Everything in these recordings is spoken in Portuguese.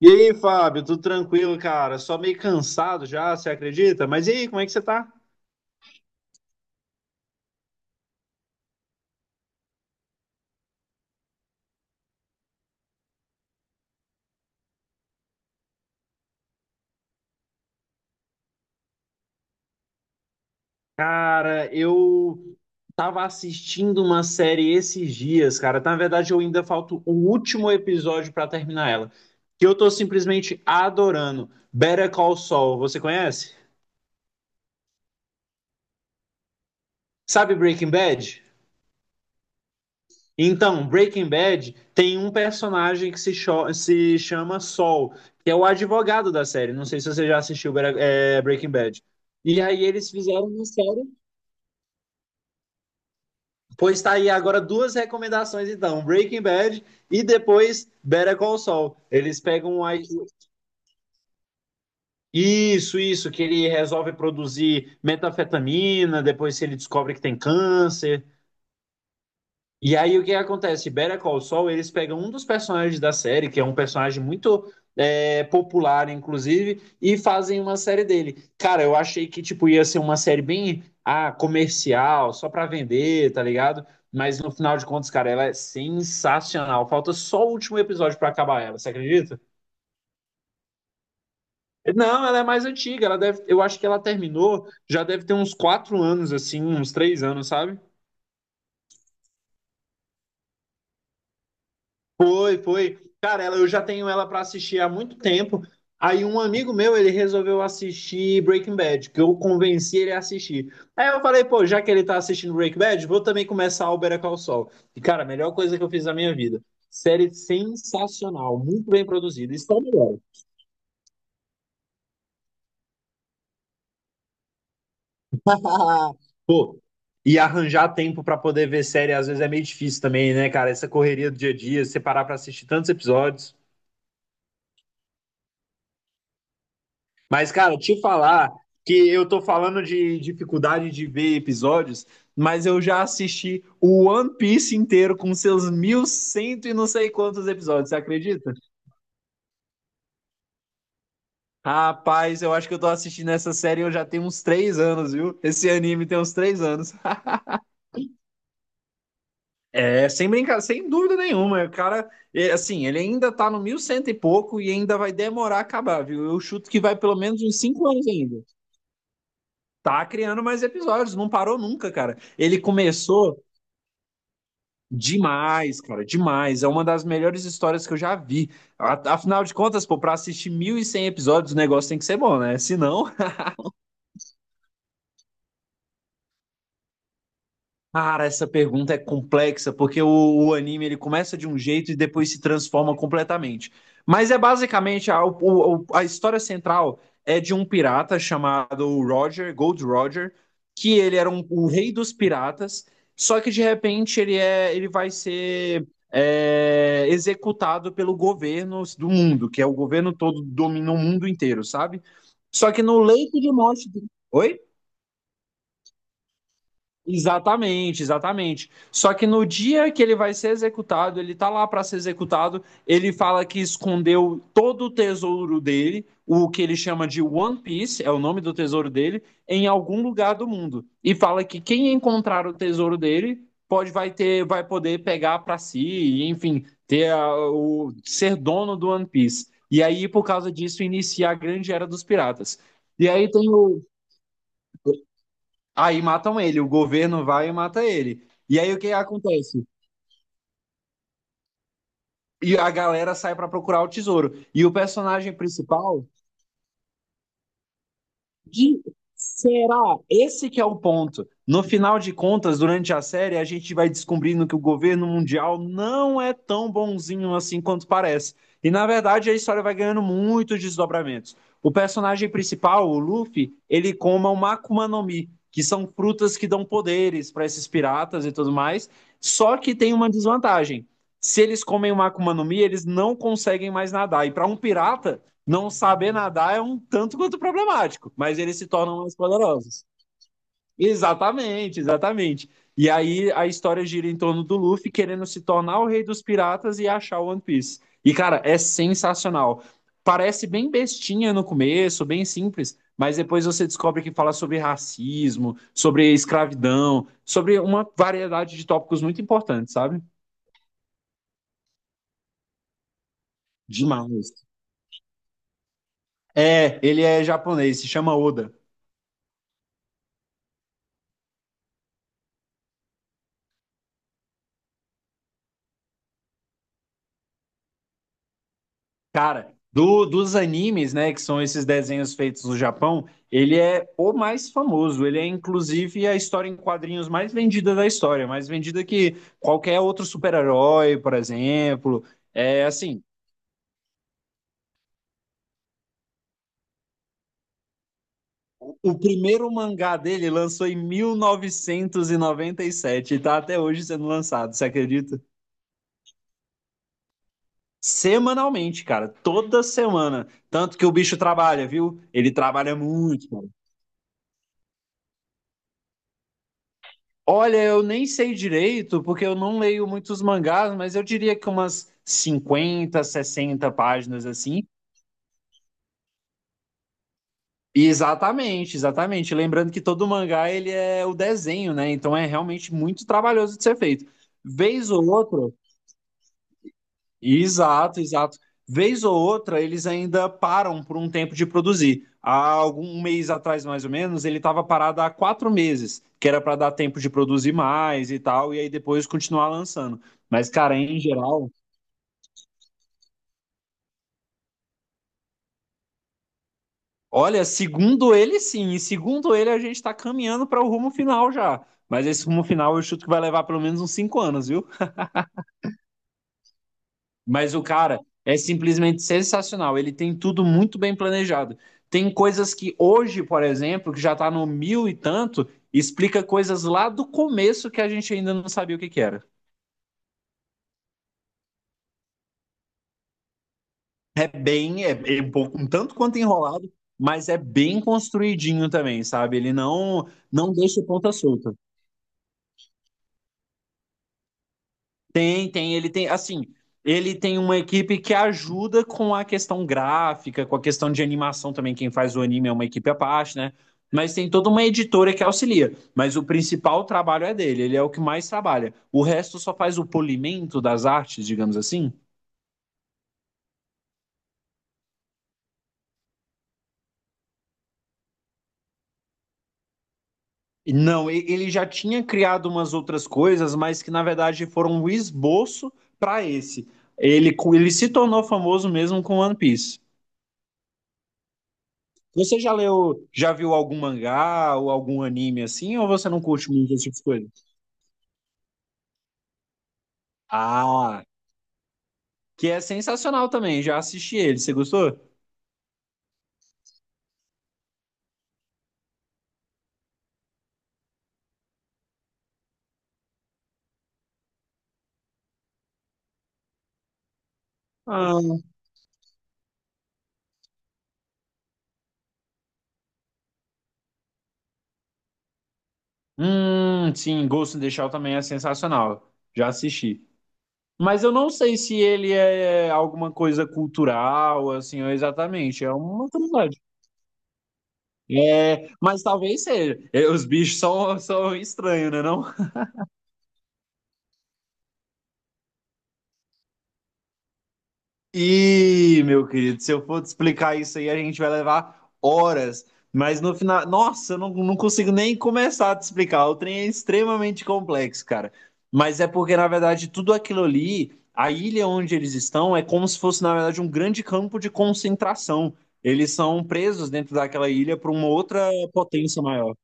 E aí, Fábio, tudo tranquilo, cara? Só meio cansado já, você acredita? Mas e aí, como é que você tá? Cara, eu tava assistindo uma série esses dias, cara. Na verdade, eu ainda falta o último episódio pra terminar ela, que eu tô simplesmente adorando. Better Call Saul, você conhece? Sabe Breaking Bad? Então, Breaking Bad tem um personagem que se chama Saul, que é o advogado da série. Não sei se você já assistiu Breaking Bad. E aí eles fizeram uma série. Pois tá aí agora duas recomendações, então. Breaking Bad e depois Better Call Saul. Eles pegam um. Isso, que ele resolve produzir metanfetamina, depois ele descobre que tem câncer. E aí o que acontece? Better Call Saul, eles pegam um dos personagens da série, que é um personagem muito popular, inclusive, e fazem uma série dele. Cara, eu achei que tipo ia ser uma série bem ah, comercial, só pra vender, tá ligado? Mas no final de contas, cara, ela é sensacional. Falta só o último episódio pra acabar ela, você acredita? Não, ela é mais antiga, ela deve, eu acho que ela terminou, já deve ter uns quatro anos, assim, uns três anos, sabe? Foi, foi. Cara, ela, eu já tenho ela para assistir há muito tempo. Aí um amigo meu, ele resolveu assistir Breaking Bad, que eu convenci ele a assistir. Aí eu falei, pô, já que ele tá assistindo Breaking Bad, vou também começar o Better Call Saul. E, cara, a melhor coisa que eu fiz na minha vida. Série sensacional, muito bem produzida. Isso é o melhor. Pô, e arranjar tempo pra poder ver série às vezes é meio difícil também, né, cara? Essa correria do dia a dia, separar pra assistir tantos episódios. Mas, cara, te falar que eu tô falando de dificuldade de ver episódios, mas eu já assisti o One Piece inteiro com seus 1100 e cento e não sei quantos episódios, você acredita? Rapaz, eu acho que eu tô assistindo essa série eu já tenho uns três anos, viu? Esse anime tem uns três anos. É, sem brincar, sem dúvida nenhuma. O cara, é, assim, ele ainda tá no mil e cento e pouco e ainda vai demorar a acabar, viu? Eu chuto que vai pelo menos uns cinco anos ainda. Tá criando mais episódios, não parou nunca, cara. Ele começou. Demais, cara, demais. É uma das melhores histórias que eu já vi. Afinal de contas, pô, pra assistir 1.100 episódios, o negócio tem que ser bom, né? Senão. Cara, essa pergunta é complexa, porque o anime ele começa de um jeito e depois se transforma completamente. Mas é basicamente a história central é de um pirata chamado Roger, Gold Roger, que ele o rei dos piratas, só que de repente ele vai ser executado pelo governo do mundo, que é o governo todo domina o mundo inteiro, sabe? Só que no leito de morte dele. Oi? Exatamente, exatamente. Só que no dia que ele vai ser executado, ele tá lá para ser executado, ele fala que escondeu todo o tesouro dele, o que ele chama de One Piece, é o nome do tesouro dele, em algum lugar do mundo. E fala que quem encontrar o tesouro dele vai poder pegar para si, e, enfim, ter a- o ser dono do One Piece. E aí, por causa disso, inicia a grande era dos piratas. E aí tem o. Aí matam ele, o governo vai e mata ele. E aí o que acontece? E a galera sai pra procurar o tesouro. E o personagem principal, de- será? Esse que é o ponto. No final de contas, durante a série, a gente vai descobrindo que o governo mundial não é tão bonzinho assim quanto parece. E na verdade, a história vai ganhando muitos desdobramentos. O personagem principal, o Luffy, ele coma o Makuma no Mi, que são frutas que dão poderes para esses piratas e tudo mais. Só que tem uma desvantagem. Se eles comem o Makuma no Mi, eles não conseguem mais nadar. E para um pirata, não saber nadar é um tanto quanto problemático, mas eles se tornam mais poderosos. Exatamente, exatamente. E aí a história gira em torno do Luffy querendo se tornar o rei dos piratas e achar o One Piece. E cara, é sensacional. Parece bem bestinha no começo, bem simples, mas depois você descobre que fala sobre racismo, sobre escravidão, sobre uma variedade de tópicos muito importantes, sabe? Demais. É, ele é japonês, se chama Oda. Cara, dos animes, né, que são esses desenhos feitos no Japão, ele é o mais famoso. Ele é, inclusive, a história em quadrinhos mais vendida da história, mais vendida que qualquer outro super-herói, por exemplo. É assim, o primeiro mangá dele lançou em 1997 e noventa e sete e tá até hoje sendo lançado, você acredita? Semanalmente, cara, toda semana. Tanto que o bicho trabalha, viu? Ele trabalha muito. Olha, eu nem sei direito, porque eu não leio muitos mangás, mas eu diria que umas 50, 60 páginas assim. E exatamente, exatamente. Lembrando que todo mangá ele é o desenho, né? Então é realmente muito trabalhoso de ser feito. Vez ou outra. Exato, exato. Vez ou outra, eles ainda param por um tempo de produzir. Há algum um mês atrás, mais ou menos, ele estava parado há quatro meses, que era para dar tempo de produzir mais e tal, e aí depois continuar lançando. Mas, cara, em geral, olha, segundo ele, sim, e segundo ele, a gente está caminhando para o rumo final já. Mas esse rumo final eu chuto que vai levar pelo menos uns cinco anos, viu? Mas o cara é simplesmente sensacional. Ele tem tudo muito bem planejado. Tem coisas que hoje, por exemplo, que já tá no mil e tanto, explica coisas lá do começo que a gente ainda não sabia o que que era. É bem, é, é um pouco, um tanto quanto enrolado, mas é bem construidinho também, sabe? Ele não deixa ponta solta. Tem, tem, ele tem, assim, ele tem uma equipe que ajuda com a questão gráfica, com a questão de animação também, quem faz o anime é uma equipe à parte, né? Mas tem toda uma editora que auxilia, mas o principal trabalho é dele, ele é o que mais trabalha. O resto só faz o polimento das artes, digamos assim. Não, ele já tinha criado umas outras coisas, mas que na verdade foram um esboço para esse. Ele se tornou famoso mesmo com One Piece. Você já leu, já viu algum mangá ou algum anime assim, ou você não curte muito esse tipo de coisa? Ah, que é sensacional também, já assisti ele, você gostou? Ah, sim, Ghost in the Shell também é sensacional, já assisti. Mas eu não sei se ele é alguma coisa cultural, assim, ou exatamente, é uma curiosidade. É, mas talvez seja. É, os bichos são, são estranhos, né, não? Ih, meu querido, se eu for te explicar isso aí, a gente vai levar horas. Mas no final, nossa, eu não, não consigo nem começar a te explicar. O trem é extremamente complexo, cara. Mas é porque, na verdade, tudo aquilo ali, a ilha onde eles estão, é como se fosse, na verdade, um grande campo de concentração. Eles são presos dentro daquela ilha por uma outra potência maior.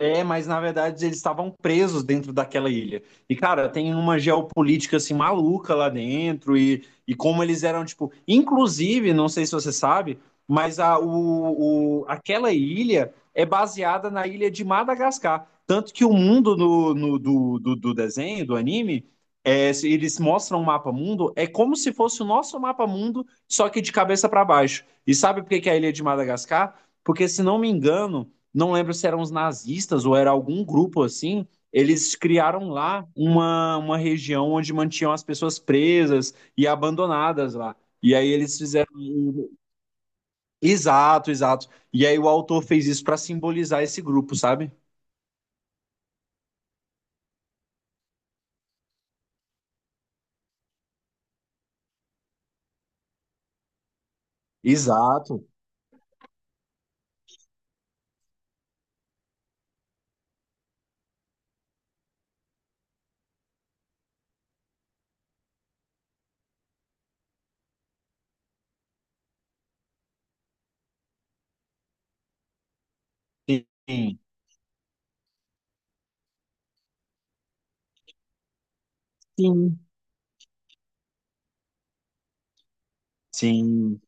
É, mas na verdade eles estavam presos dentro daquela ilha. E, cara, tem uma geopolítica assim maluca lá dentro e como eles eram, tipo. Inclusive, não sei se você sabe, mas aquela ilha é baseada na ilha de Madagascar. Tanto que o mundo do desenho, do anime, é, se eles mostram o mapa mundo, é como se fosse o nosso mapa mundo, só que de cabeça para baixo. E sabe por que que é a ilha de Madagascar? Porque, se não me engano não lembro se eram os nazistas ou era algum grupo assim, eles criaram lá uma região onde mantinham as pessoas presas e abandonadas lá. E aí eles fizeram. Exato, exato. E aí o autor fez isso para simbolizar esse grupo, sabe? Exato. Sim, sim, sim.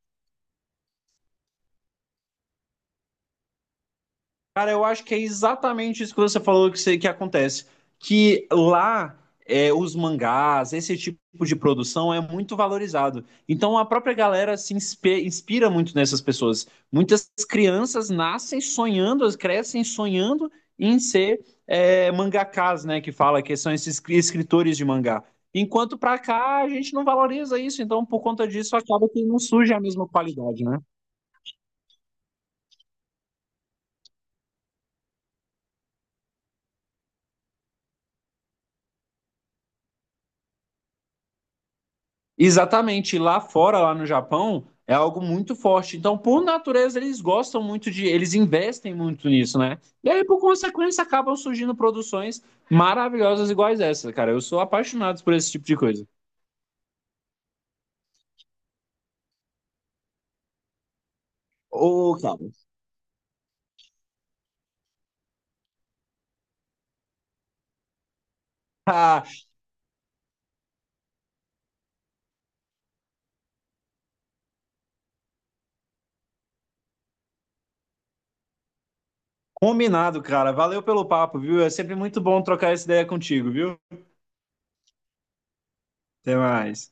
Cara, eu acho que é exatamente isso que você falou que, que acontece. Que lá é, os mangás, esse tipo de produção é muito valorizado. Então a própria galera se inspira muito nessas pessoas. Muitas crianças nascem sonhando, elas crescem sonhando em ser mangakás, né? Que fala que são esses escritores de mangá. Enquanto pra cá a gente não valoriza isso, então por conta disso acaba que não surge a mesma qualidade, né? Exatamente, lá fora, lá no Japão, é algo muito forte. Então, por natureza, eles gostam muito de, eles investem muito nisso, né? E aí, por consequência, acabam surgindo produções maravilhosas iguais essa, cara. Eu sou apaixonado por esse tipo de coisa. Ô, cara. Ah, combinado, cara. Valeu pelo papo, viu? É sempre muito bom trocar essa ideia contigo, viu? Até mais.